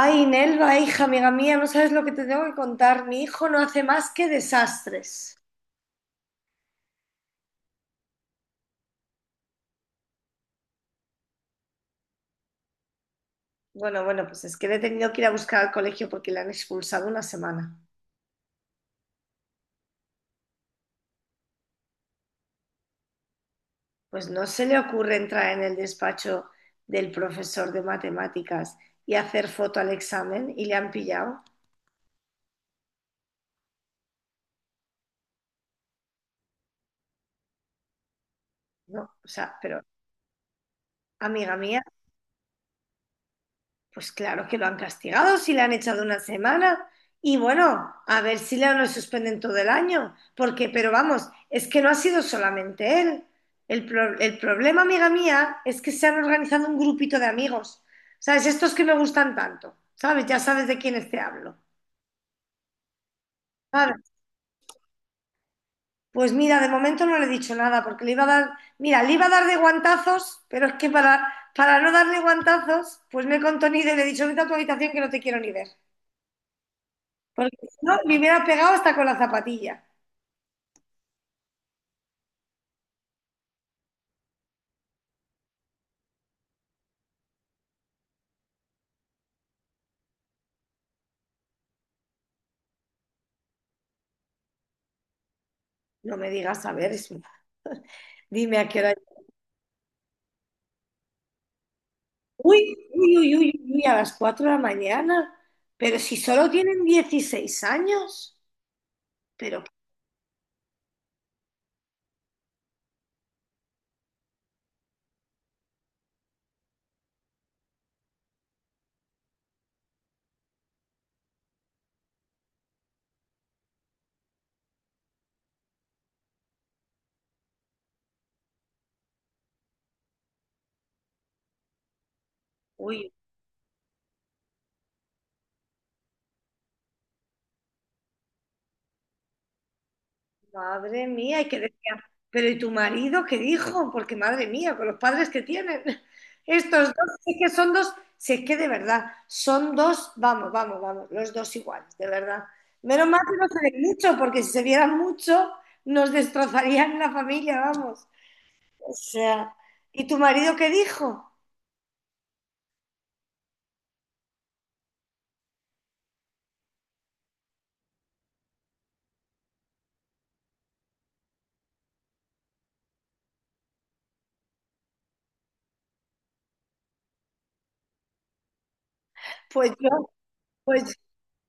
Ay, Nelva, hija, amiga mía, no sabes lo que te tengo que contar. Mi hijo no hace más que desastres. Bueno, bueno, pues es que le he tenido que ir a buscar al colegio porque le han expulsado una semana. Pues no se le ocurre entrar en el despacho del profesor de matemáticas y hacer foto al examen y le han pillado. No, o sea, pero amiga mía. Pues claro que lo han castigado si le han echado una semana. Y bueno, a ver si le no suspenden todo el año. Porque, pero vamos, es que no ha sido solamente él. El problema, amiga mía, es que se han organizado un grupito de amigos. ¿Sabes? Estos que me gustan tanto. ¿Sabes? Ya sabes de quiénes te hablo. ¿Sabes? Pues mira, de momento no le he dicho nada porque le iba a dar, mira, le iba a dar de guantazos, pero es que para no darle guantazos, pues me he contenido y le he dicho, vete a tu habitación que no te quiero ni ver. Porque si no, me hubiera pegado hasta con la zapatilla. No me digas, a ver, dime a qué hora. Uy, uy, uy, uy, uy, a las 4 de la mañana. Pero si solo tienen 16 años. Pero, uy, madre mía, y que decía, pero ¿y tu marido qué dijo? Porque madre mía, con los padres que tienen, estos dos, es que son dos, si es que de verdad, son dos, vamos, vamos, vamos, los dos iguales, de verdad. Menos mal que no se ven mucho, porque si se vieran mucho, nos destrozarían la familia, vamos. O sea, ¿y tu marido qué dijo? Pues yo, pues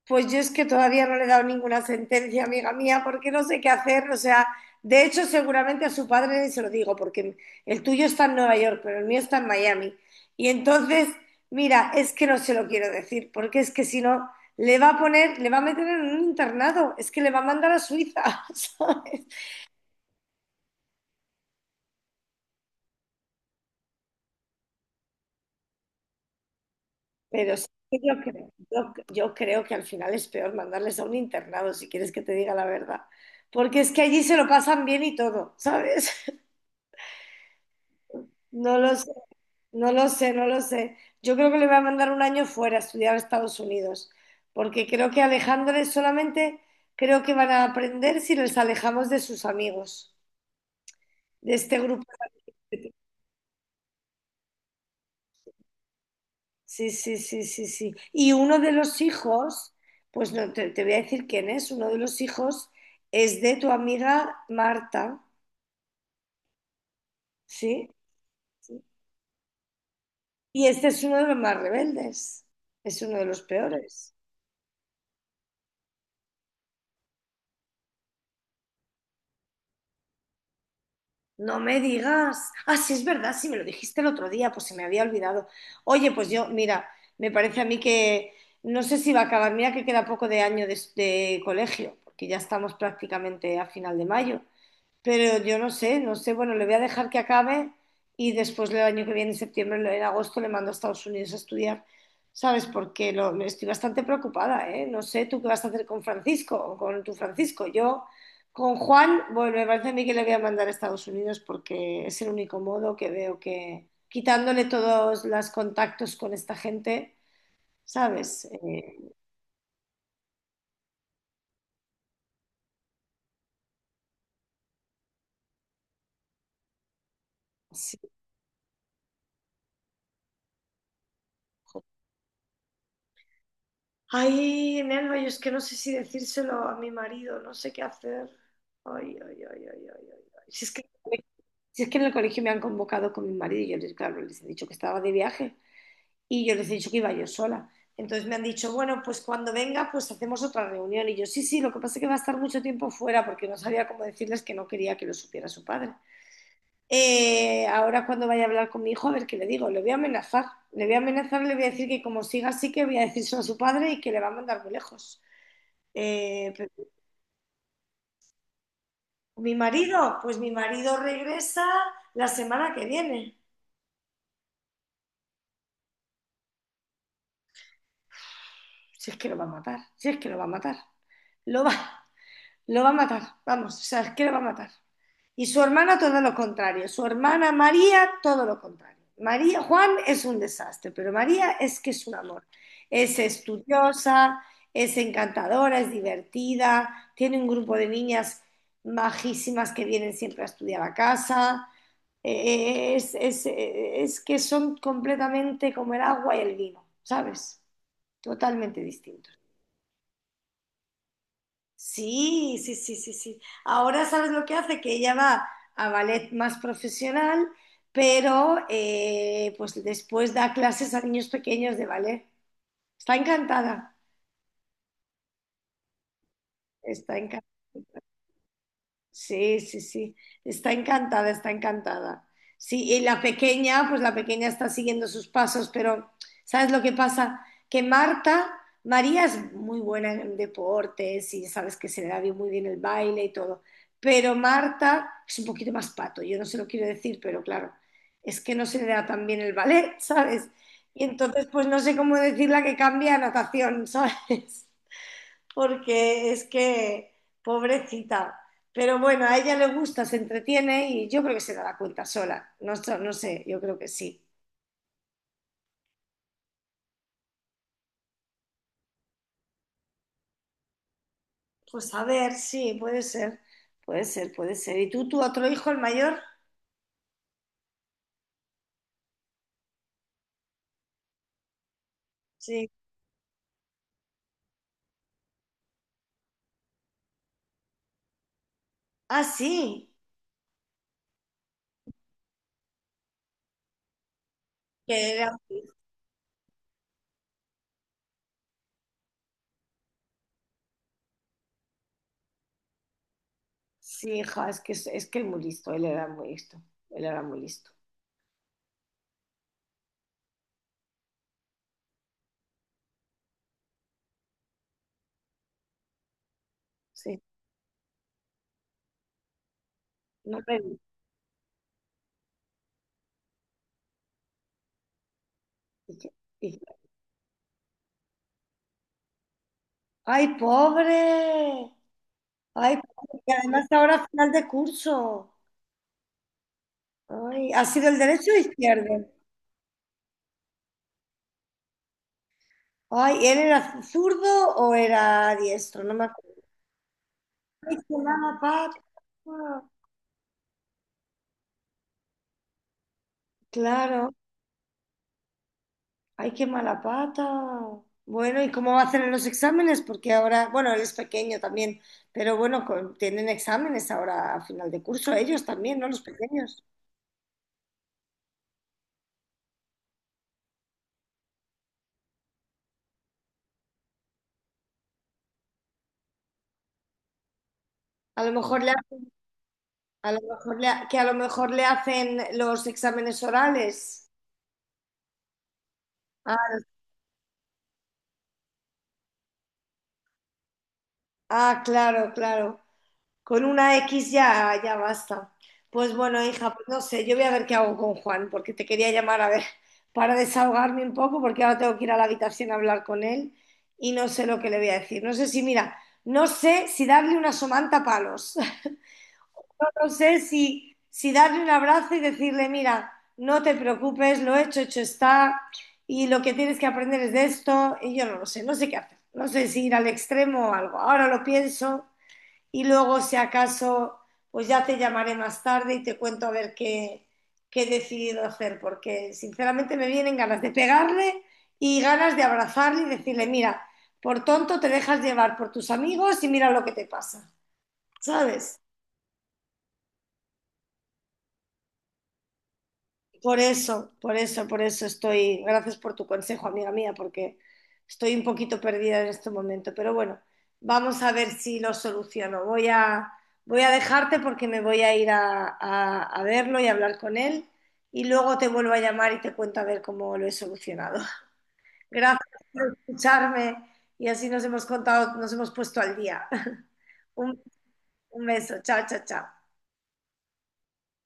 Pues yo es que todavía no le he dado ninguna sentencia, amiga mía, porque no sé qué hacer. O sea, de hecho, seguramente a su padre se lo digo, porque el tuyo está en Nueva York, pero el mío está en Miami. Y entonces, mira, es que no se lo quiero decir, porque es que si no, le va a poner, le va a meter en un internado, es que le va a mandar a Suiza, ¿sabes? Pero sí que yo creo, yo creo que al final es peor mandarles a un internado, si quieres que te diga la verdad. Porque es que allí se lo pasan bien y todo, ¿sabes? No lo sé. No lo sé, no lo sé. Yo creo que le voy a mandar un año fuera a estudiar a Estados Unidos, porque creo que alejándoles solamente, creo que van a aprender si les alejamos de sus amigos, de este grupo. Sí, sí, sí, sí, sí. Y uno de los hijos, pues no te, te voy a decir quién es, uno de los hijos es de tu amiga Marta, ¿sí? Sí. Y este es uno de los más rebeldes, es uno de los peores. No me digas. Ah, sí, es verdad, sí, me lo dijiste el otro día, pues se me había olvidado. Oye, pues yo, mira, me parece a mí que no sé si va a acabar. Mira que queda poco de año de colegio, porque ya estamos prácticamente a final de mayo. Pero yo no sé, no sé. Bueno, le voy a dejar que acabe y después del año que viene, en septiembre, en agosto, le mando a Estados Unidos a estudiar, ¿sabes? Porque estoy bastante preocupada, ¿eh? No sé tú qué vas a hacer con Francisco o con tu Francisco. Yo, con Juan, bueno, me parece a mí que le voy a mandar a Estados Unidos porque es el único modo que veo que, quitándole todos los contactos con esta gente, ¿sabes? Sí. Ay, Nelva, yo es que no sé si decírselo a mi marido, no sé qué hacer. Ay, ay, ay, ay, ay, ay, ay. Si es que, si es que en el colegio me han convocado con mi marido y yo les, claro, les he dicho que estaba de viaje y yo les he dicho que iba yo sola. Entonces me han dicho, bueno, pues cuando venga, pues hacemos otra reunión. Y yo, sí, sí, lo que pasa es que va a estar mucho tiempo fuera porque no sabía cómo decirles que no quería que lo supiera su padre. Ahora cuando vaya a hablar con mi hijo, a ver qué le digo, le voy a amenazar, le voy a amenazar, le voy a decir que como siga así, que voy a decírselo a su padre y que le va a mandar muy lejos. Eh, Mi marido, pues mi marido regresa la semana que viene. Si es que lo va a matar, si es que lo va a matar. Lo va, Lo va a matar, vamos, o sea, es que lo va a matar. Y su hermana todo lo contrario, su hermana María todo lo contrario. María, Juan es un desastre, pero María es que es un amor. Es estudiosa, es encantadora, es divertida, tiene un grupo de niñas majísimas que vienen siempre a estudiar a casa. Es que son completamente como el agua y el vino, ¿sabes? Totalmente distintos. Sí, sí, sí, sí, sí. Ahora sabes lo que hace, que ella va a ballet más profesional, pero pues después da clases a niños pequeños de ballet. Está encantada, está encantada. Sí, sí, sí. Está encantada, está encantada. Sí, y la pequeña, pues la pequeña está siguiendo sus pasos, pero ¿sabes lo que pasa? Que María es muy buena en deportes y sabes que se le da muy bien el baile y todo, pero Marta es un poquito más pato, yo no se lo quiero decir, pero claro, es que no se le da tan bien el ballet, ¿sabes? Y entonces, pues no sé cómo decirle que cambie a natación, ¿sabes? Porque es que, pobrecita. Pero bueno, a ella le gusta, se entretiene y yo creo que se dará cuenta sola. No, no sé, yo creo que sí. Pues a ver, sí, puede ser, puede ser, puede ser. ¿Y tú, tu otro hijo, el mayor? Sí. Ah, sí. Que era. Sí, hija, es que es muy listo, él era muy listo, él era muy listo. Sí. No me- dije- Dije, ¡ay, pobre! ¡Ay, pobre! Que además ahora final de curso. Ay, ¿ha sido el derecho o izquierdo? Ay, ¿él era zurdo o era diestro? No me acuerdo. Ay, qué mala pata. Claro. Ay, qué mala pata. Bueno, ¿y cómo va a hacer en los exámenes? Porque ahora, bueno, él es pequeño también, pero bueno, tienen exámenes ahora a final de curso, ellos también, ¿no? Los pequeños. A lo mejor le, ha- a lo mejor le hacen los exámenes orales. Ah, ah, claro, claro. Con una X ya, ya basta. Pues bueno, hija, pues no sé, yo voy a ver qué hago con Juan, porque te quería llamar a ver, para desahogarme un poco, porque ahora tengo que ir a la habitación a hablar con él y no sé lo que le voy a decir. No sé si, mira, no sé si darle una somanta a palos, no sé si, si darle un abrazo y decirle, mira, no te preocupes, lo hecho, hecho está, y lo que tienes que aprender es de esto, y yo no lo sé, no sé qué hacer, no sé si ir al extremo o algo. Ahora lo pienso y luego si acaso, pues ya te llamaré más tarde y te cuento a ver qué, he decidido hacer, porque sinceramente me vienen ganas de pegarle y ganas de abrazarle y decirle, mira, por tonto te dejas llevar por tus amigos y mira lo que te pasa, ¿sabes? Por eso, por eso, por eso estoy. Gracias por tu consejo, amiga mía, porque estoy un poquito perdida en este momento. Pero bueno, vamos a ver si lo soluciono. Voy a dejarte porque me voy a ir a verlo y hablar con él. Y luego te vuelvo a llamar y te cuento a ver cómo lo he solucionado. Gracias por escucharme y así nos hemos contado, nos hemos puesto al día. Un, un beso. Chao, chao, chao.